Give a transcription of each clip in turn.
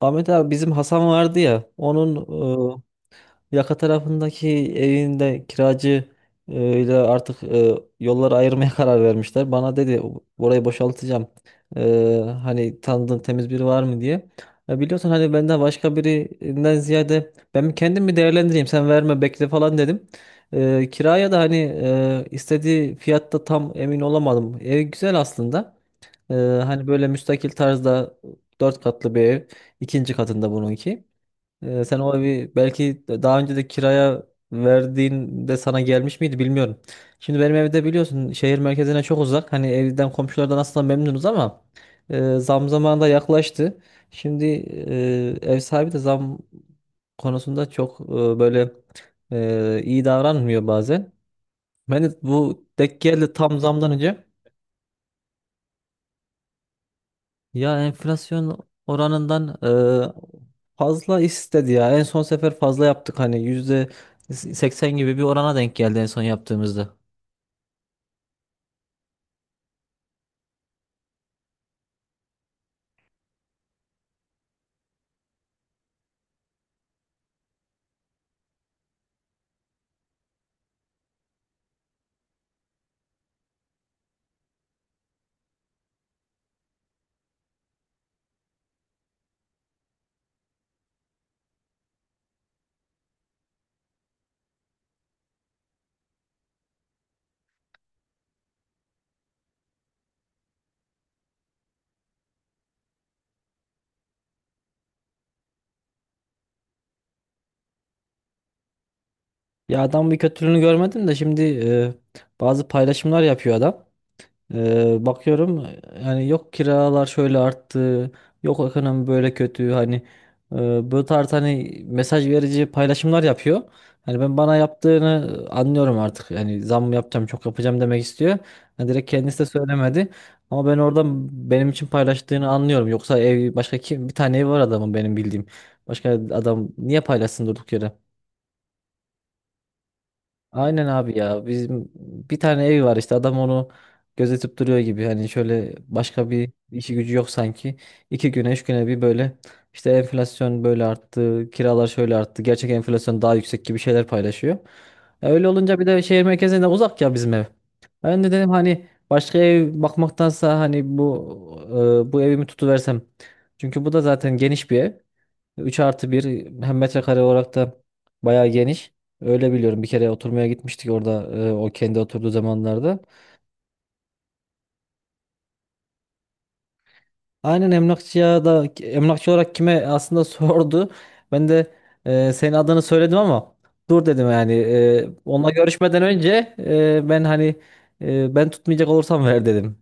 Ahmet abi bizim Hasan vardı ya onun yaka tarafındaki evinde kiracı ile artık yolları ayırmaya karar vermişler. Bana dedi orayı boşaltacağım. E, hani tanıdığın temiz biri var mı diye. Ya biliyorsun hani benden başka birinden ziyade ben kendim mi değerlendireyim sen verme bekle falan dedim. Kiraya da hani istediği fiyatta tam emin olamadım. Ev güzel aslında. Ee, hani böyle müstakil tarzda 4 katlı bir ev. İkinci katında bununki. Sen o evi belki daha önce de kiraya verdiğinde sana gelmiş miydi bilmiyorum. Şimdi benim evde biliyorsun şehir merkezine çok uzak. Hani evden komşulardan aslında memnunuz ama zam zamanı da yaklaştı. Şimdi ev sahibi de zam konusunda çok böyle iyi davranmıyor bazen. Ben de bu denk geldi tam zamdan önce. Ya enflasyon oranından fazla istedi ya. En son sefer fazla yaptık hani %80 gibi bir orana denk geldi en son yaptığımızda. Ya adam bir kötülüğünü görmedim de şimdi bazı paylaşımlar yapıyor adam. Bakıyorum yani yok kiralar şöyle arttı, yok ekonomi böyle kötü hani bu tarz hani mesaj verici paylaşımlar yapıyor. Hani ben bana yaptığını anlıyorum artık. Yani zam yapacağım, çok yapacağım demek istiyor. Yani direkt kendisi de söylemedi. Ama ben oradan benim için paylaştığını anlıyorum. Yoksa ev başka kim bir tane ev var adamın benim bildiğim. Başka adam niye paylaşsın durduk yere? Aynen abi ya. Bizim bir tane evi var işte adam onu gözetip duruyor gibi. Hani şöyle başka bir işi gücü yok sanki. 2 güne 3 güne bir böyle işte enflasyon böyle arttı, kiralar şöyle arttı, gerçek enflasyon daha yüksek gibi şeyler paylaşıyor. Ya öyle olunca bir de şehir merkezinde uzak ya bizim ev. Ben de dedim hani başka ev bakmaktansa hani bu evimi tutuversem. Çünkü bu da zaten geniş bir ev. 3+1, hem metrekare olarak da bayağı geniş. Öyle biliyorum. Bir kere oturmaya gitmiştik orada o kendi oturduğu zamanlarda. Aynen emlakçıya da emlakçı olarak kime aslında sordu. Ben de senin adını söyledim ama dur dedim yani. Onunla görüşmeden önce ben hani ben tutmayacak olursam ver dedim.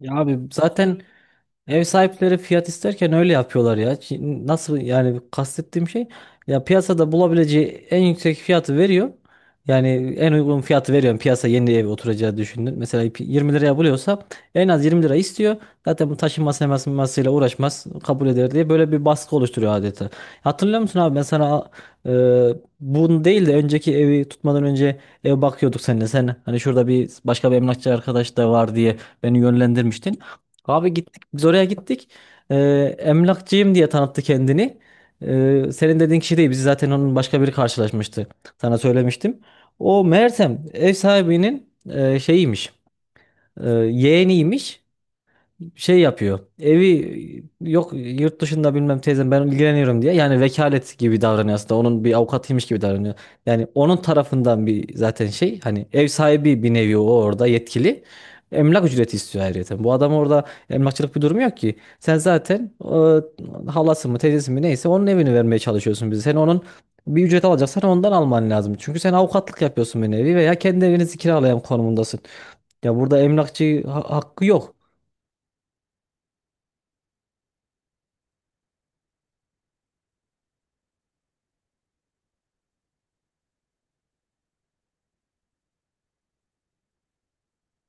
Ya abi zaten ev sahipleri fiyat isterken öyle yapıyorlar ya. Nasıl yani, kastettiğim şey ya piyasada bulabileceği en yüksek fiyatı veriyor. Yani en uygun fiyatı veriyorum piyasa yeni ev oturacağı düşündün. Mesela 20 liraya buluyorsa en az 20 lira istiyor. Zaten bu taşınması hemasıyla uğraşmaz kabul eder diye böyle bir baskı oluşturuyor adeta. Hatırlıyor musun abi ben sana e, bunu değil de önceki evi tutmadan önce ev bakıyorduk seninle. Sen hani şurada bir başka bir emlakçı arkadaş da var diye beni yönlendirmiştin. Abi biz oraya gittik. Ee, emlakçıyım diye tanıttı kendini. Senin dediğin kişi değil. Bizi zaten onun başka biri karşılaşmıştı. Sana söylemiştim. O Mersem ev sahibinin şeyiymiş. Yeğeniymiş şey yapıyor. Evi yok yurt dışında bilmem teyzem ben ilgileniyorum diye. Yani vekalet gibi davranıyor aslında. Onun bir avukatıymış gibi davranıyor. Yani onun tarafından bir zaten şey hani ev sahibi bir nevi o orada yetkili. Emlak ücreti istiyor ayrıca. Bu adam orada emlakçılık bir durum yok ki. Sen zaten halası mı teyzesi mi neyse onun evini vermeye çalışıyorsun bize. Sen onun bir ücret alacaksan ondan alman lazım. Çünkü sen avukatlık yapıyorsun bir nevi veya kendi evinizi kiralayan konumundasın. Ya burada emlakçı hakkı yok.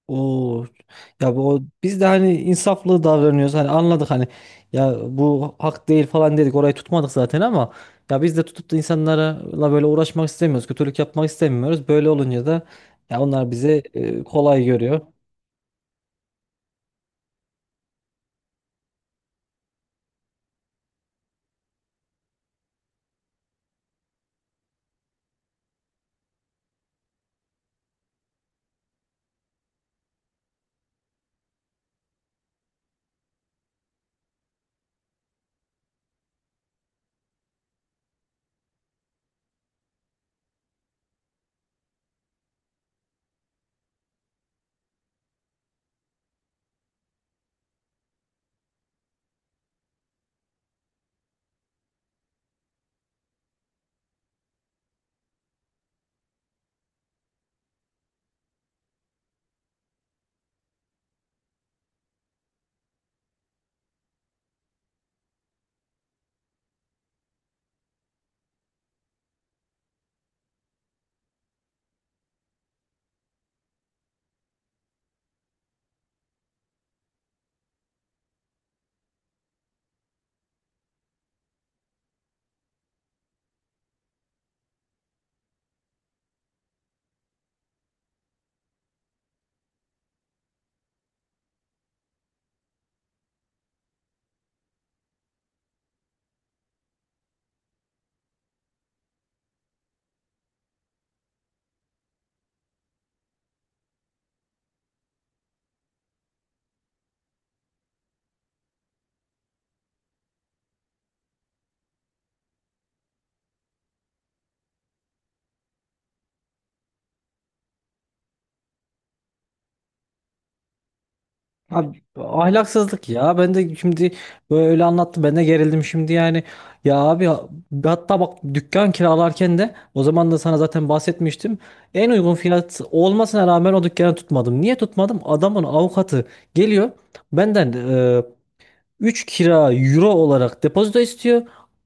O ya bu o, biz de hani insaflı davranıyoruz, hani anladık hani, ya bu hak değil falan dedik, orayı tutmadık zaten ama ya biz de tutup da insanlarla böyle uğraşmak istemiyoruz, kötülük yapmak istemiyoruz, böyle olunca da ya onlar bizi kolay görüyor. Abi ahlaksızlık ya. Ben de şimdi böyle anlattı. Ben de gerildim şimdi yani. Ya abi hatta bak dükkan kiralarken de o zaman da sana zaten bahsetmiştim. En uygun fiyat olmasına rağmen o dükkanı tutmadım. Niye tutmadım? Adamın avukatı geliyor benden. 3 kira euro olarak depozito istiyor.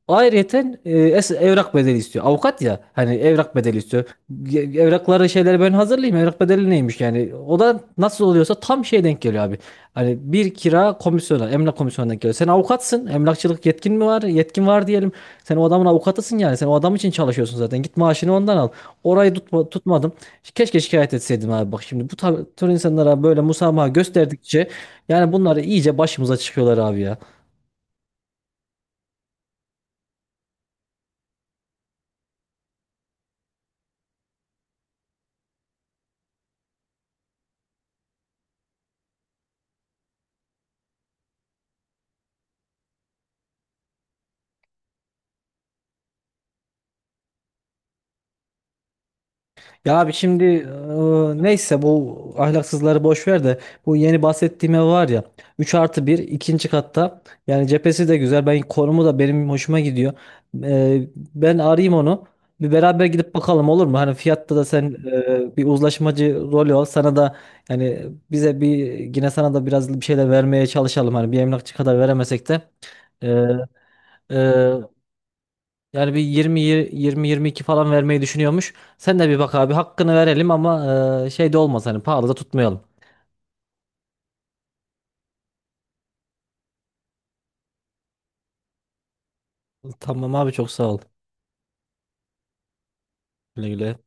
Ayrıyeten evrak bedeli istiyor. Avukat ya hani evrak bedeli istiyor. Evrakları şeyleri ben hazırlayayım. Evrak bedeli neymiş yani? O da nasıl oluyorsa tam şey denk geliyor abi. Hani bir kira komisyona, emlak komisyonuna denk geliyor. Sen avukatsın. Emlakçılık yetkin mi var? Yetkin var diyelim. Sen o adamın avukatısın yani. Sen o adam için çalışıyorsun zaten. Git maaşını ondan al. Orayı tutma, tutmadım. Keşke şikayet etseydim abi. Bak şimdi bu tür insanlara böyle musamaha gösterdikçe yani bunlar iyice başımıza çıkıyorlar abi ya. Ya abi şimdi neyse bu ahlaksızları boş ver de bu yeni bahsettiğim ev var ya, 3+1, ikinci katta, yani cephesi de güzel, ben konumu da benim hoşuma gidiyor. Ben arayayım onu, bir beraber gidip bakalım olur mu? Hani fiyatta da sen bir uzlaşmacı rolü ol, sana da yani bize bir, yine sana da biraz bir şeyler vermeye çalışalım hani, bir emlakçı kadar veremesek de. E, e, yani bir 20, 20-22 falan vermeyi düşünüyormuş. Sen de bir bak abi, hakkını verelim ama şey de olmaz hani, pahalı da tutmayalım. Tamam abi, çok sağ ol. Güle güle.